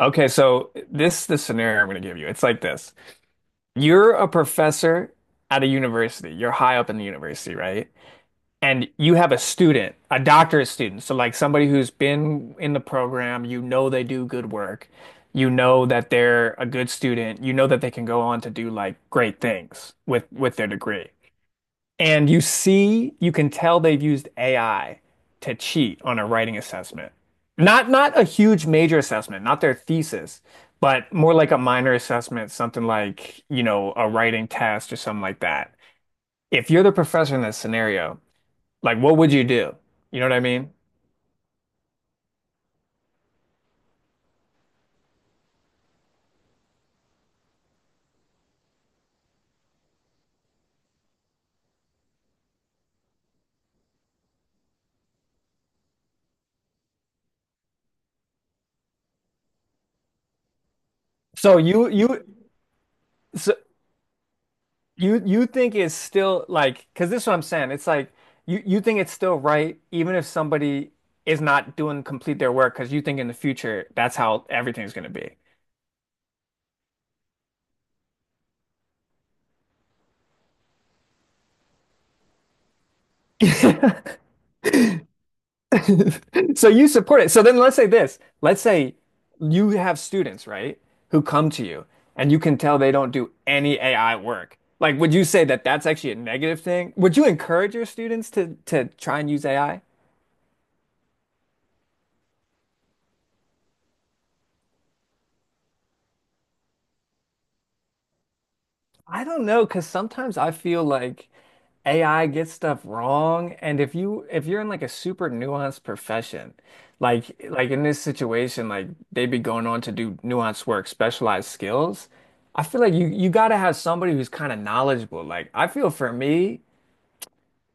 Okay, so this scenario I'm going to give you. It's like this. You're a professor at a university. You're high up in the university, right? And you have a student, a doctorate student. So like somebody who's been in the program, you know they do good work. You know that they're a good student. You know that they can go on to do like great things with their degree. And you see, you can tell they've used AI to cheat on a writing assessment. Not a huge major assessment, not their thesis, but more like a minor assessment, something like, you know, a writing test or something like that. If you're the professor in this scenario, like what would you do? You know what I mean? So you you so you think it's still like because this is what I'm saying. It's like you think it's still right even if somebody is not doing complete their work because you think in the future that's how everything's going to be. So you support it. So then let's say this. Let's say you have students, right, who come to you and you can tell they don't do any AI work. Like, would you say that that's actually a negative thing? Would you encourage your students to try and use AI? I don't know, because sometimes I feel like AI gets stuff wrong, and if you're in like a super nuanced profession, like in this situation, like they'd be going on to do nuanced work, specialized skills. I feel like you got to have somebody who's kind of knowledgeable. Like I feel for me,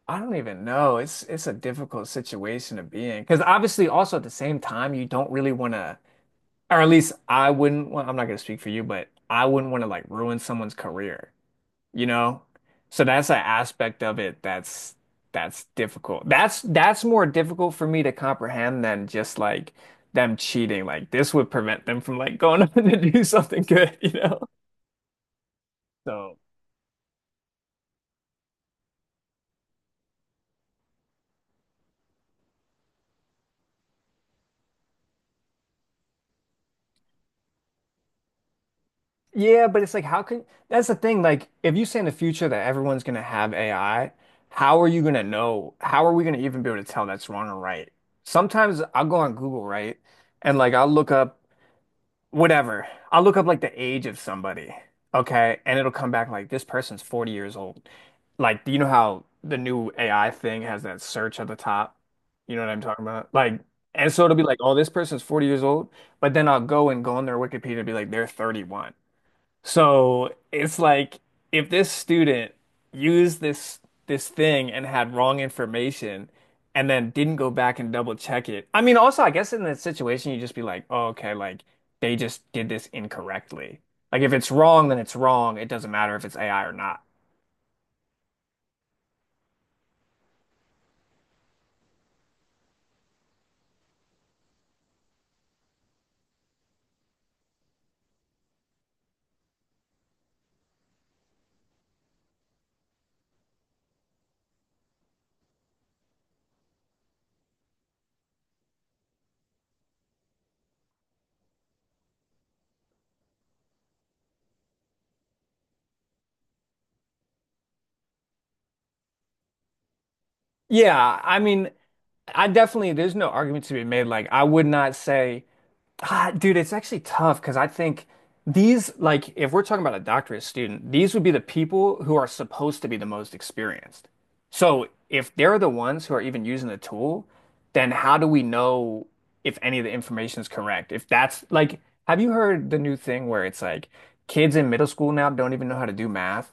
I don't even know. It's a difficult situation to be in because obviously also at the same time you don't really want to, or at least I wouldn't want. I'm not going to speak for you, but I wouldn't want to like ruin someone's career, you know? So that's an aspect of it that's difficult. That's more difficult for me to comprehend than just like them cheating. Like this would prevent them from like going up to do something good, you know? So yeah, but it's like how can that's the thing. Like if you say in the future that everyone's gonna have AI, how are you gonna know? How are we gonna even be able to tell that's wrong or right? Sometimes I'll go on Google, right? And like I'll look up whatever. I'll look up like the age of somebody, okay? And it'll come back like this person's 40 years old. Like, do you know how the new AI thing has that search at the top? You know what I'm talking about? Like, and so it'll be like, oh, this person's 40 years old, but then I'll go and go on their Wikipedia and be like, they're 31. So it's like if this student used this thing and had wrong information and then didn't go back and double check it. I mean, also I guess in that situation you just be like, oh, okay, like they just did this incorrectly. Like if it's wrong, then it's wrong. It doesn't matter if it's AI or not. Yeah, I mean, I definitely, there's no argument to be made. Like, I would not say, ah, dude, it's actually tough because I think these, like, if we're talking about a doctorate student, these would be the people who are supposed to be the most experienced. So if they're the ones who are even using the tool, then how do we know if any of the information is correct? If that's like, have you heard the new thing where it's like kids in middle school now don't even know how to do math?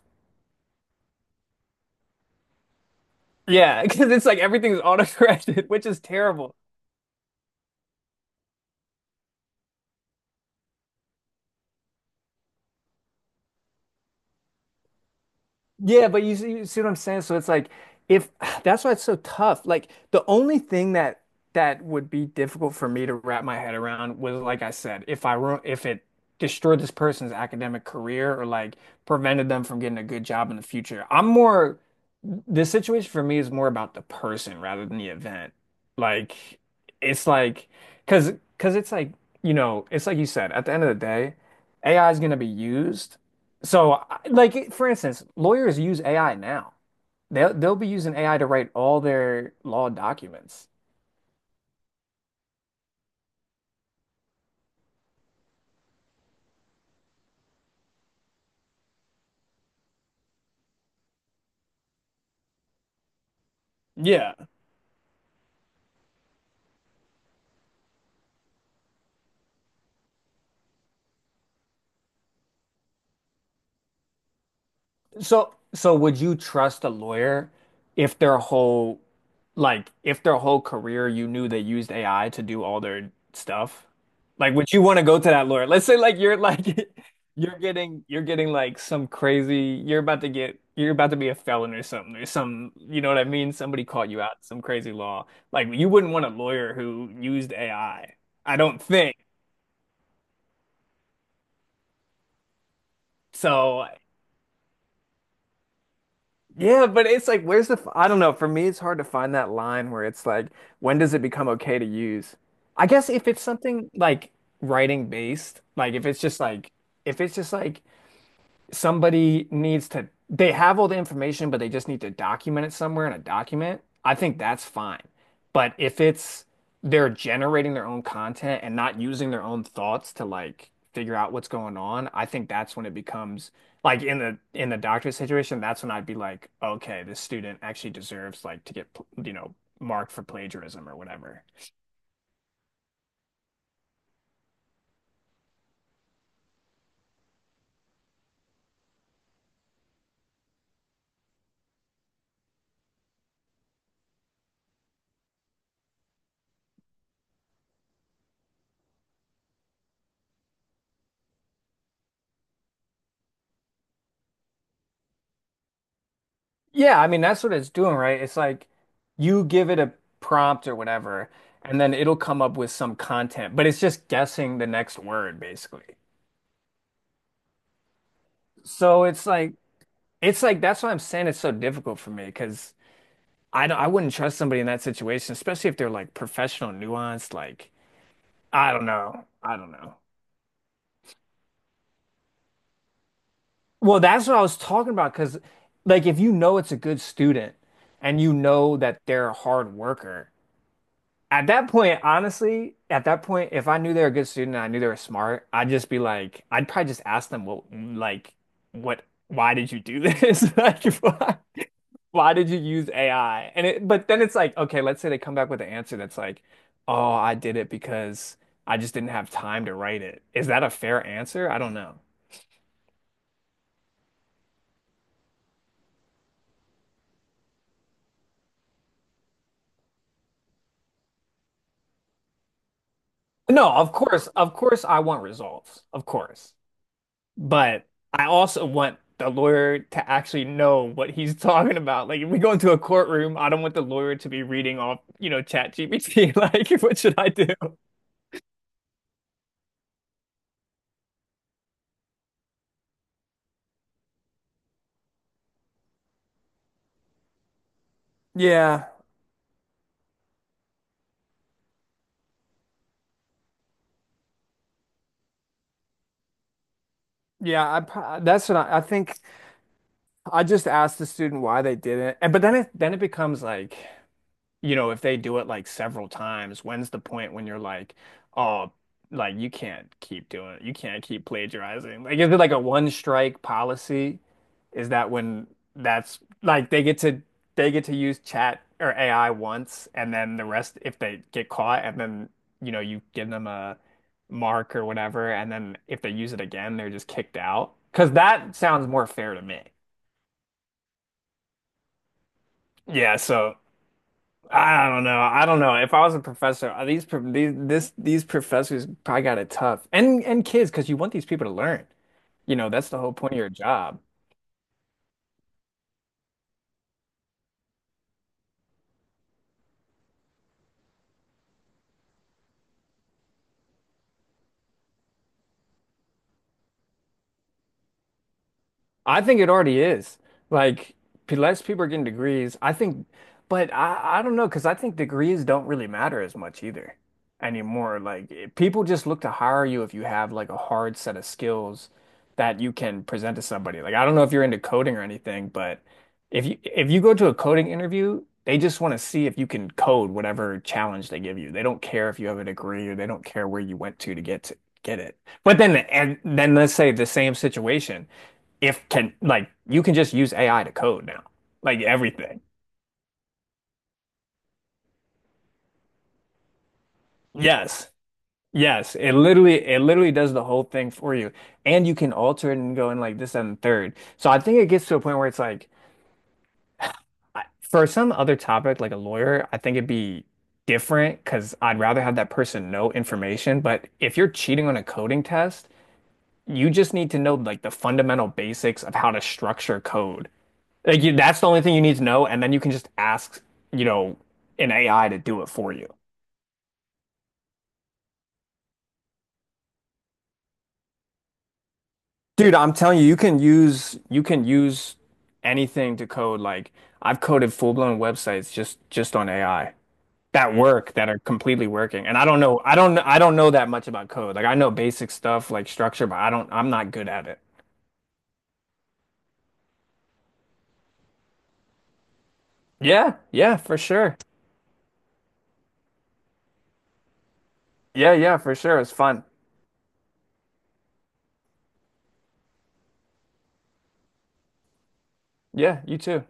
Yeah, because it's like everything's autocorrected, which is terrible. Yeah, but you see what I'm saying? So it's like if that's why it's so tough. Like the only thing that would be difficult for me to wrap my head around was like I said, if I ru- if it destroyed this person's academic career or like prevented them from getting a good job in the future. I'm more, the situation for me is more about the person rather than the event. Like it's like because it's like, you know, it's like you said at the end of the day, AI is going to be used. So, I- like for instance, lawyers use AI now. They'll be using AI to write all their law documents. Yeah. So, so would you trust a lawyer if their whole, like, if their whole career you knew they used AI to do all their stuff? Like, would you want to go to that lawyer? Let's say, like, you're like, you're getting like some crazy, you're about to get, you're about to be a felon or something, or some, you know what I mean? Somebody caught you out, some crazy law. Like, you wouldn't want a lawyer who used AI. I don't think. So, yeah, but it's like, where's the, f- I don't know. For me, it's hard to find that line where it's like, when does it become okay to use? I guess if it's something like writing based, like if it's just like, if it's just like, somebody needs to, they have all the information but they just need to document it somewhere in a document, I think that's fine, but if it's they're generating their own content and not using their own thoughts to like figure out what's going on, I think that's when it becomes like in the doctor situation, that's when I'd be like, okay, this student actually deserves like to get, you know, marked for plagiarism or whatever. Yeah, I mean that's what it's doing, right? It's like you give it a prompt or whatever, and then it'll come up with some content, but it's just guessing the next word basically. So it's like that's why I'm saying it's so difficult for me because I don't, I wouldn't trust somebody in that situation, especially if they're like professional, nuanced, like I don't know. I don't know. Well, that's what I was talking about because like if you know it's a good student and you know that they're a hard worker. At that point, honestly, at that point, if I knew they were a good student and I knew they were smart, I'd just be like, I'd probably just ask them, well, like, what, why did you do this? Like, why did you use AI? And it, but then it's like, okay, let's say they come back with an answer that's like, oh, I did it because I just didn't have time to write it. Is that a fair answer? I don't know. No, of course, I want results. Of course. But I also want the lawyer to actually know what he's talking about. Like if we go into a courtroom, I don't want the lawyer to be reading off, you know, ChatGPT. Like, what should I do? Yeah. Yeah, I pro- that's what I think I just asked the student why they did it. And but then it, then it becomes like, you know, if they do it like several times, when's the point when you're like, oh, like you can't keep doing it. You can't keep plagiarizing. Like, is it like a one strike policy? Is that when that's like they get to use chat or AI once and then the rest if they get caught and then you know you give them a mark or whatever and then if they use it again they're just kicked out. Because that sounds more fair to me. Yeah, so I don't know. I don't know. If I was a professor, these pro- these professors probably got it tough, and kids, because you want these people to learn. You know, that's the whole point of your job. I think it already is. Like p- less people are getting degrees. I think, but I don't know because I think degrees don't really matter as much either anymore. Like it- people just look to hire you if you have like a hard set of skills that you can present to somebody. Like I don't know if you're into coding or anything, but if you go to a coding interview, they just want to see if you can code whatever challenge they give you. They don't care if you have a degree or they don't care where you went to get to get it. But then and then let's say the same situation, if can, like you can just use AI to code now. Like everything. Yes. Yes. It literally, it literally does the whole thing for you. And you can alter it and go in like this and the third. So I think it gets to a point where it's like I- for some other topic like a lawyer, I think it'd be different because I'd rather have that person know information. But if you're cheating on a coding test, you just need to know like the fundamental basics of how to structure code. Like you, that's the only thing you need to know, and then you can just ask, you know, an AI to do it for you. Dude, I'm telling you, you can use anything to code. Like I've coded full-blown websites just on AI that work that are completely working. And I don't know, I don't, I don't know that much about code. Like I know basic stuff like structure, but I don't, I'm not good at it. Yeah, yeah, for sure. Yeah, yeah, for sure. It's fun. Yeah, you too.